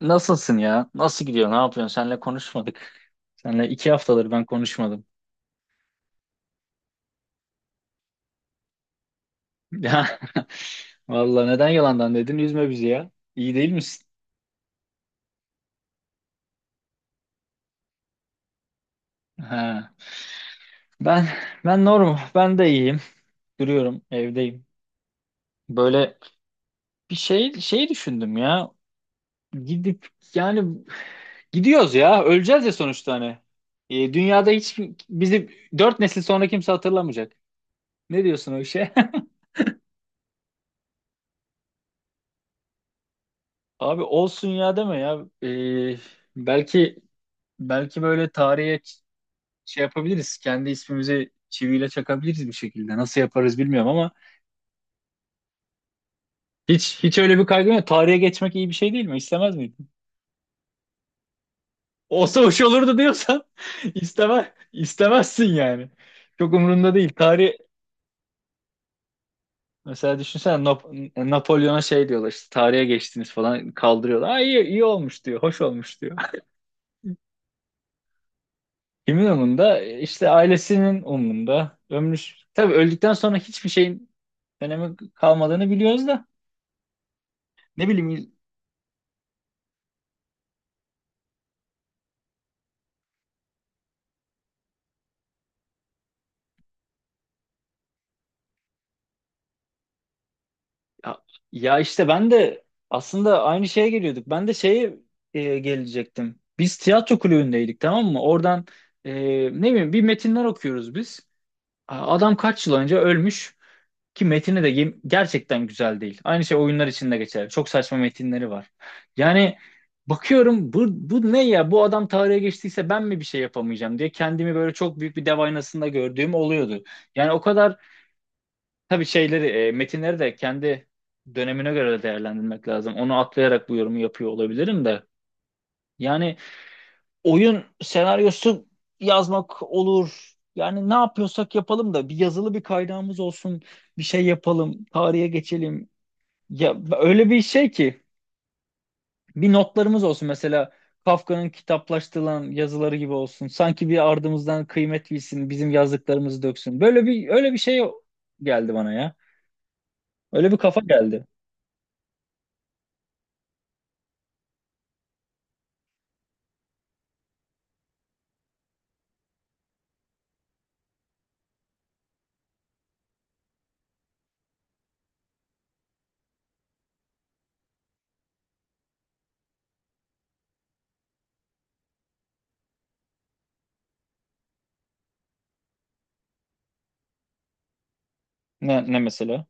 Nasılsın ya? Nasıl gidiyor? Ne yapıyorsun? Seninle konuşmadık. Seninle 2 haftadır ben konuşmadım. Ya vallahi neden yalandan dedin? Üzme bizi ya. İyi değil misin? Ha. Ben ben normal. Ben de iyiyim. Duruyorum, evdeyim. Böyle bir şey düşündüm ya. Gidip yani gidiyoruz ya. Öleceğiz ya sonuçta hani. E, dünyada hiç bizi 4 nesil sonra kimse hatırlamayacak. Ne diyorsun o işe? Abi olsun ya deme ya. E, belki Belki böyle tarihe şey yapabiliriz. Kendi ismimizi çiviyle çakabiliriz bir şekilde. Nasıl yaparız bilmiyorum ama hiç öyle bir kaygım yok. Tarihe geçmek iyi bir şey değil mi? İstemez miydin? Olsa hoş olurdu diyorsan istemez, istemezsin yani. Çok umurunda değil. Tarih mesela düşünsene Napolyon'a şey diyorlar, işte tarihe geçtiniz falan kaldırıyorlar. Aa, iyi olmuş diyor. Hoş olmuş diyor. Kimin umurunda? İşte ailesinin umurunda. Ömrü tabii öldükten sonra hiçbir şeyin önemi kalmadığını biliyoruz da ne bileyim. Ya, ya işte ben de aslında aynı şeye geliyorduk. Ben de şeye gelecektim. Biz tiyatro kulübündeydik, tamam mı? Oradan e, ne bileyim bir metinler okuyoruz biz. Adam kaç yıl önce ölmüş ki metini de gerçekten güzel değil. Aynı şey oyunlar için de geçer. Çok saçma metinleri var. Yani bakıyorum bu ne ya? Bu adam tarihe geçtiyse ben mi bir şey yapamayacağım diye kendimi böyle çok büyük bir dev aynasında gördüğüm oluyordu. Yani o kadar tabii şeyleri, metinleri de kendi dönemine göre de değerlendirmek lazım. Onu atlayarak bu yorumu yapıyor olabilirim de. Yani oyun senaryosu yazmak olur. Yani ne yapıyorsak yapalım da bir yazılı bir kaynağımız olsun. Bir şey yapalım, tarihe geçelim. Ya öyle bir şey ki bir notlarımız olsun mesela Kafka'nın kitaplaştırılan yazıları gibi olsun. Sanki bir ardımızdan kıymet bilsin, bizim yazdıklarımızı döksün. Böyle bir öyle bir şey geldi bana ya. Öyle bir kafa geldi. Ne mesela?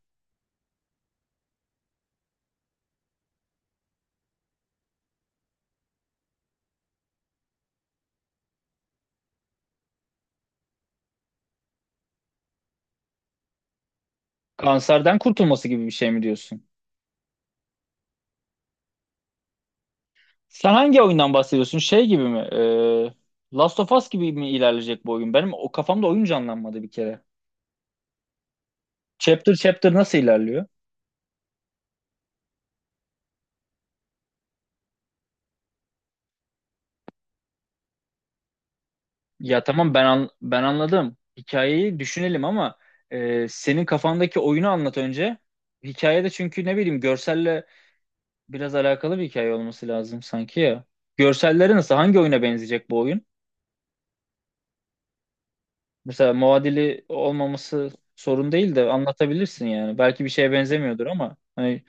Kanserden kurtulması gibi bir şey mi diyorsun? Sen hangi oyundan bahsediyorsun? Şey gibi mi? Last of Us gibi mi ilerleyecek bu oyun? Benim o kafamda oyun canlanmadı bir kere. Chapter chapter nasıl ilerliyor? Ya tamam, ben an- ben anladım. Hikayeyi düşünelim ama senin kafandaki oyunu anlat önce. Hikayede çünkü ne bileyim görselle biraz alakalı bir hikaye olması lazım sanki ya. Görselleri nasıl? Hangi oyuna benzeyecek bu oyun? Mesela muadili olmaması sorun değil de anlatabilirsin yani. Belki bir şeye benzemiyordur ama hani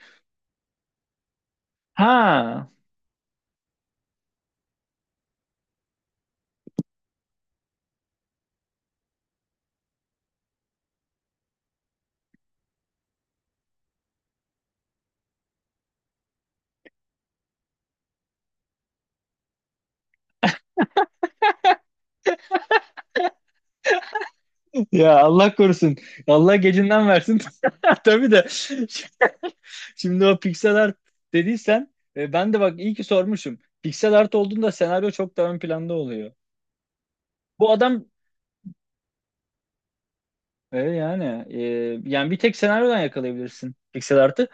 ha, ya Allah korusun. Allah gecinden versin. Tabii de şimdi o pixel art dediysen, ben de bak iyi ki sormuşum. Pixel art olduğunda senaryo çok daha ön planda oluyor. Bu adam e, yani e, yani bir tek senaryodan yakalayabilirsin pixel art'ı.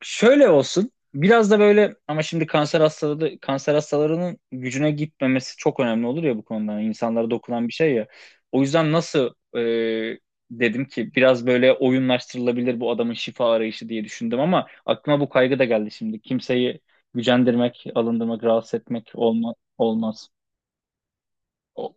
Şöyle olsun. Biraz da böyle ama şimdi kanser hastaları kanser hastalarının gücüne gitmemesi çok önemli olur ya bu konuda. Yani İnsanlara dokunan bir şey ya. O yüzden nasıl dedim ki biraz böyle oyunlaştırılabilir bu adamın şifa arayışı diye düşündüm ama aklıma bu kaygı da geldi şimdi. Kimseyi gücendirmek, alındırmak, rahatsız etmek olmaz. O-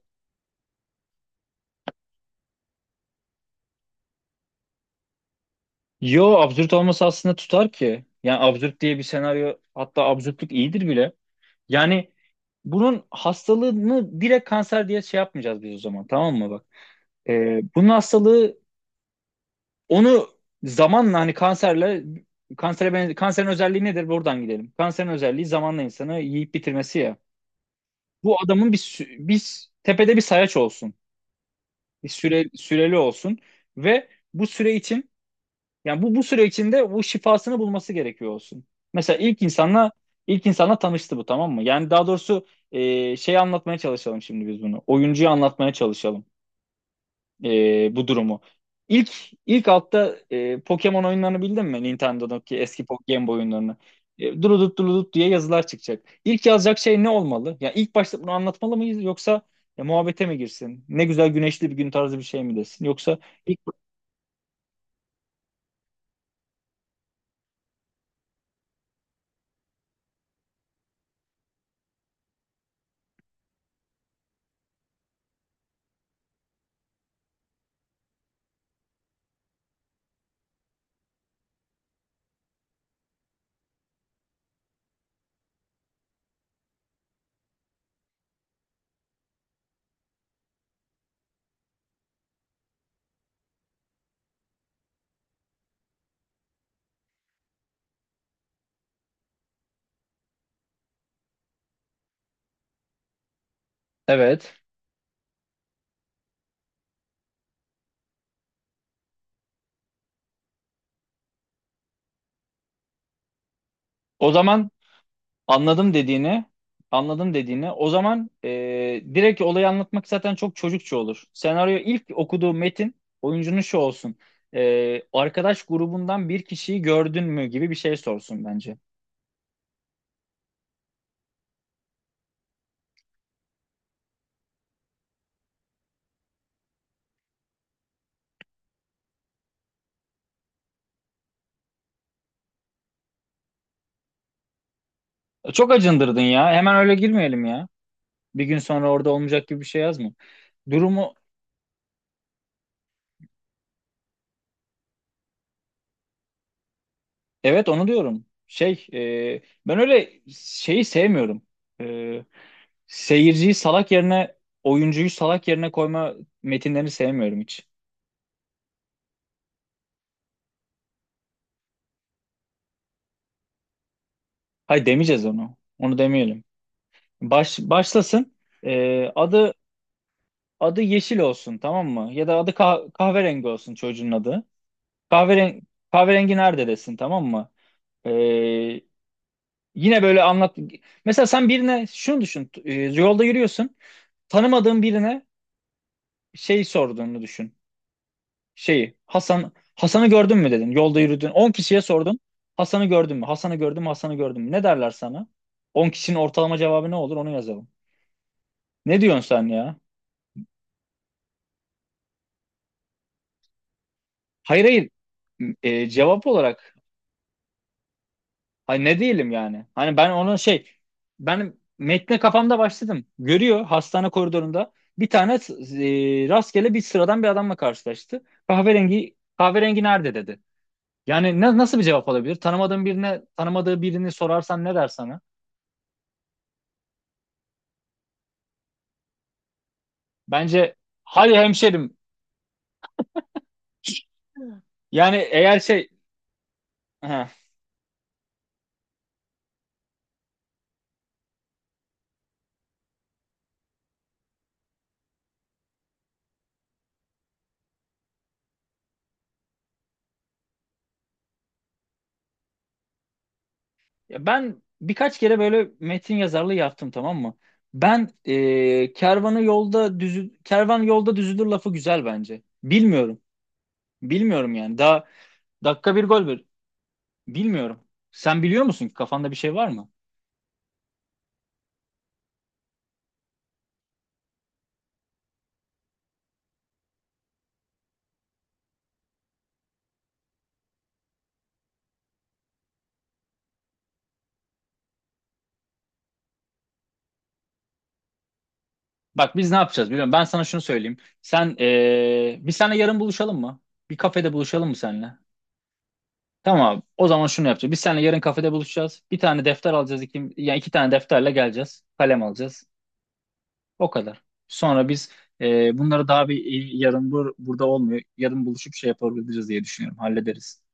Yo, absürt olması aslında tutar ki. Yani absürt diye bir senaryo, hatta absürtlük iyidir bile. Yani bunun hastalığını direkt kanser diye şey yapmayacağız biz o zaman, tamam mı, bak. Bunun hastalığı onu zamanla hani kanserle kanserin özelliği nedir? Buradan gidelim. Kanserin özelliği zamanla insanı yiyip bitirmesi ya. Bu adamın bir sü- bir s- tepede bir sayaç olsun. Bir süre süreli olsun ve bu süre için yani bu süre içinde bu şifasını bulması gerekiyor olsun. Mesela ilk insanla tanıştı bu, tamam mı? Yani daha doğrusu şey anlatmaya çalışalım şimdi biz bunu. Oyuncuya anlatmaya çalışalım bu durumu. İlk ilk altta Pokemon oyunlarını bildin mi? Nintendo'daki eski Game Boy oyunlarını. E, durudut durudut diye yazılar çıkacak. İlk yazacak şey ne olmalı? Yani ilk başta bunu anlatmalı mıyız, yoksa muhabbete mi girsin? Ne güzel güneşli bir gün tarzı bir şey mi desin? Yoksa ilk... Evet. O zaman Anladım dediğini, anladım dediğini. O zaman direkt olayı anlatmak zaten çok çocukça olur. Senaryo ilk okuduğu metin oyuncunun şu olsun. E, arkadaş grubundan bir kişiyi gördün mü gibi bir şey sorsun bence. E, çok acındırdın ya. Hemen öyle girmeyelim ya. Bir gün sonra orada olmayacak gibi bir şey yazma. Durumu, evet onu diyorum. E, ben öyle şeyi sevmiyorum. E, seyirciyi salak yerine, oyuncuyu salak yerine koyma metinlerini sevmiyorum hiç. Hayır, demeyeceğiz onu. Onu demeyelim. Başlasın. Ee, adı adı yeşil olsun, tamam mı? Ya da adı kahverengi olsun çocuğun adı. Kahveren kahverengi nerede desin, tamam mı? Ee, yine böyle anlat. Mesela sen birine şunu düşün. Yolda yürüyorsun. Tanımadığın birine şey sorduğunu düşün. Hasan'ı gördün mü dedin. Yolda yürüdün. 10 kişiye sordun. Hasan'ı gördün mü? Hasan'ı gördün mü? Hasan'ı gördün mü? Ne derler sana? 10 kişinin ortalama cevabı ne olur? Onu yazalım. Ne diyorsun sen ya? Hayır, hayır. E, cevap olarak hani ne diyelim yani? Hani ben ona ben metne kafamda başladım. Görüyor, hastane koridorunda bir tane rastgele bir sıradan bir adamla karşılaştı. Kahverengi nerede dedi. Yani nasıl bir cevap olabilir? Tanımadığın birine tanımadığı birini sorarsan ne der sana? Bence hayır hemşerim. Yani eğer şey he. Ya ben birkaç kere böyle metin yazarlığı yaptım, tamam mı? Ben kervan yolda düzülür lafı güzel bence. Bilmiyorum. Bilmiyorum yani. Daha dakika 1 gol 1. Bilmiyorum. Sen biliyor musun ki, kafanda bir şey var mı? Bak biz ne yapacağız, biliyorum. Ben sana şunu söyleyeyim. Biz seninle yarın buluşalım mı? Bir kafede buluşalım mı seninle? Tamam abi. O zaman şunu yapacağız. Biz seninle yarın kafede buluşacağız. Bir tane defter alacağız. Iki, yani 2 tane defterle geleceğiz. Kalem alacağız. O kadar. Sonra biz bunları daha bir yarın burada olmuyor. Yarın buluşup şey yapabiliriz diye düşünüyorum. Hallederiz.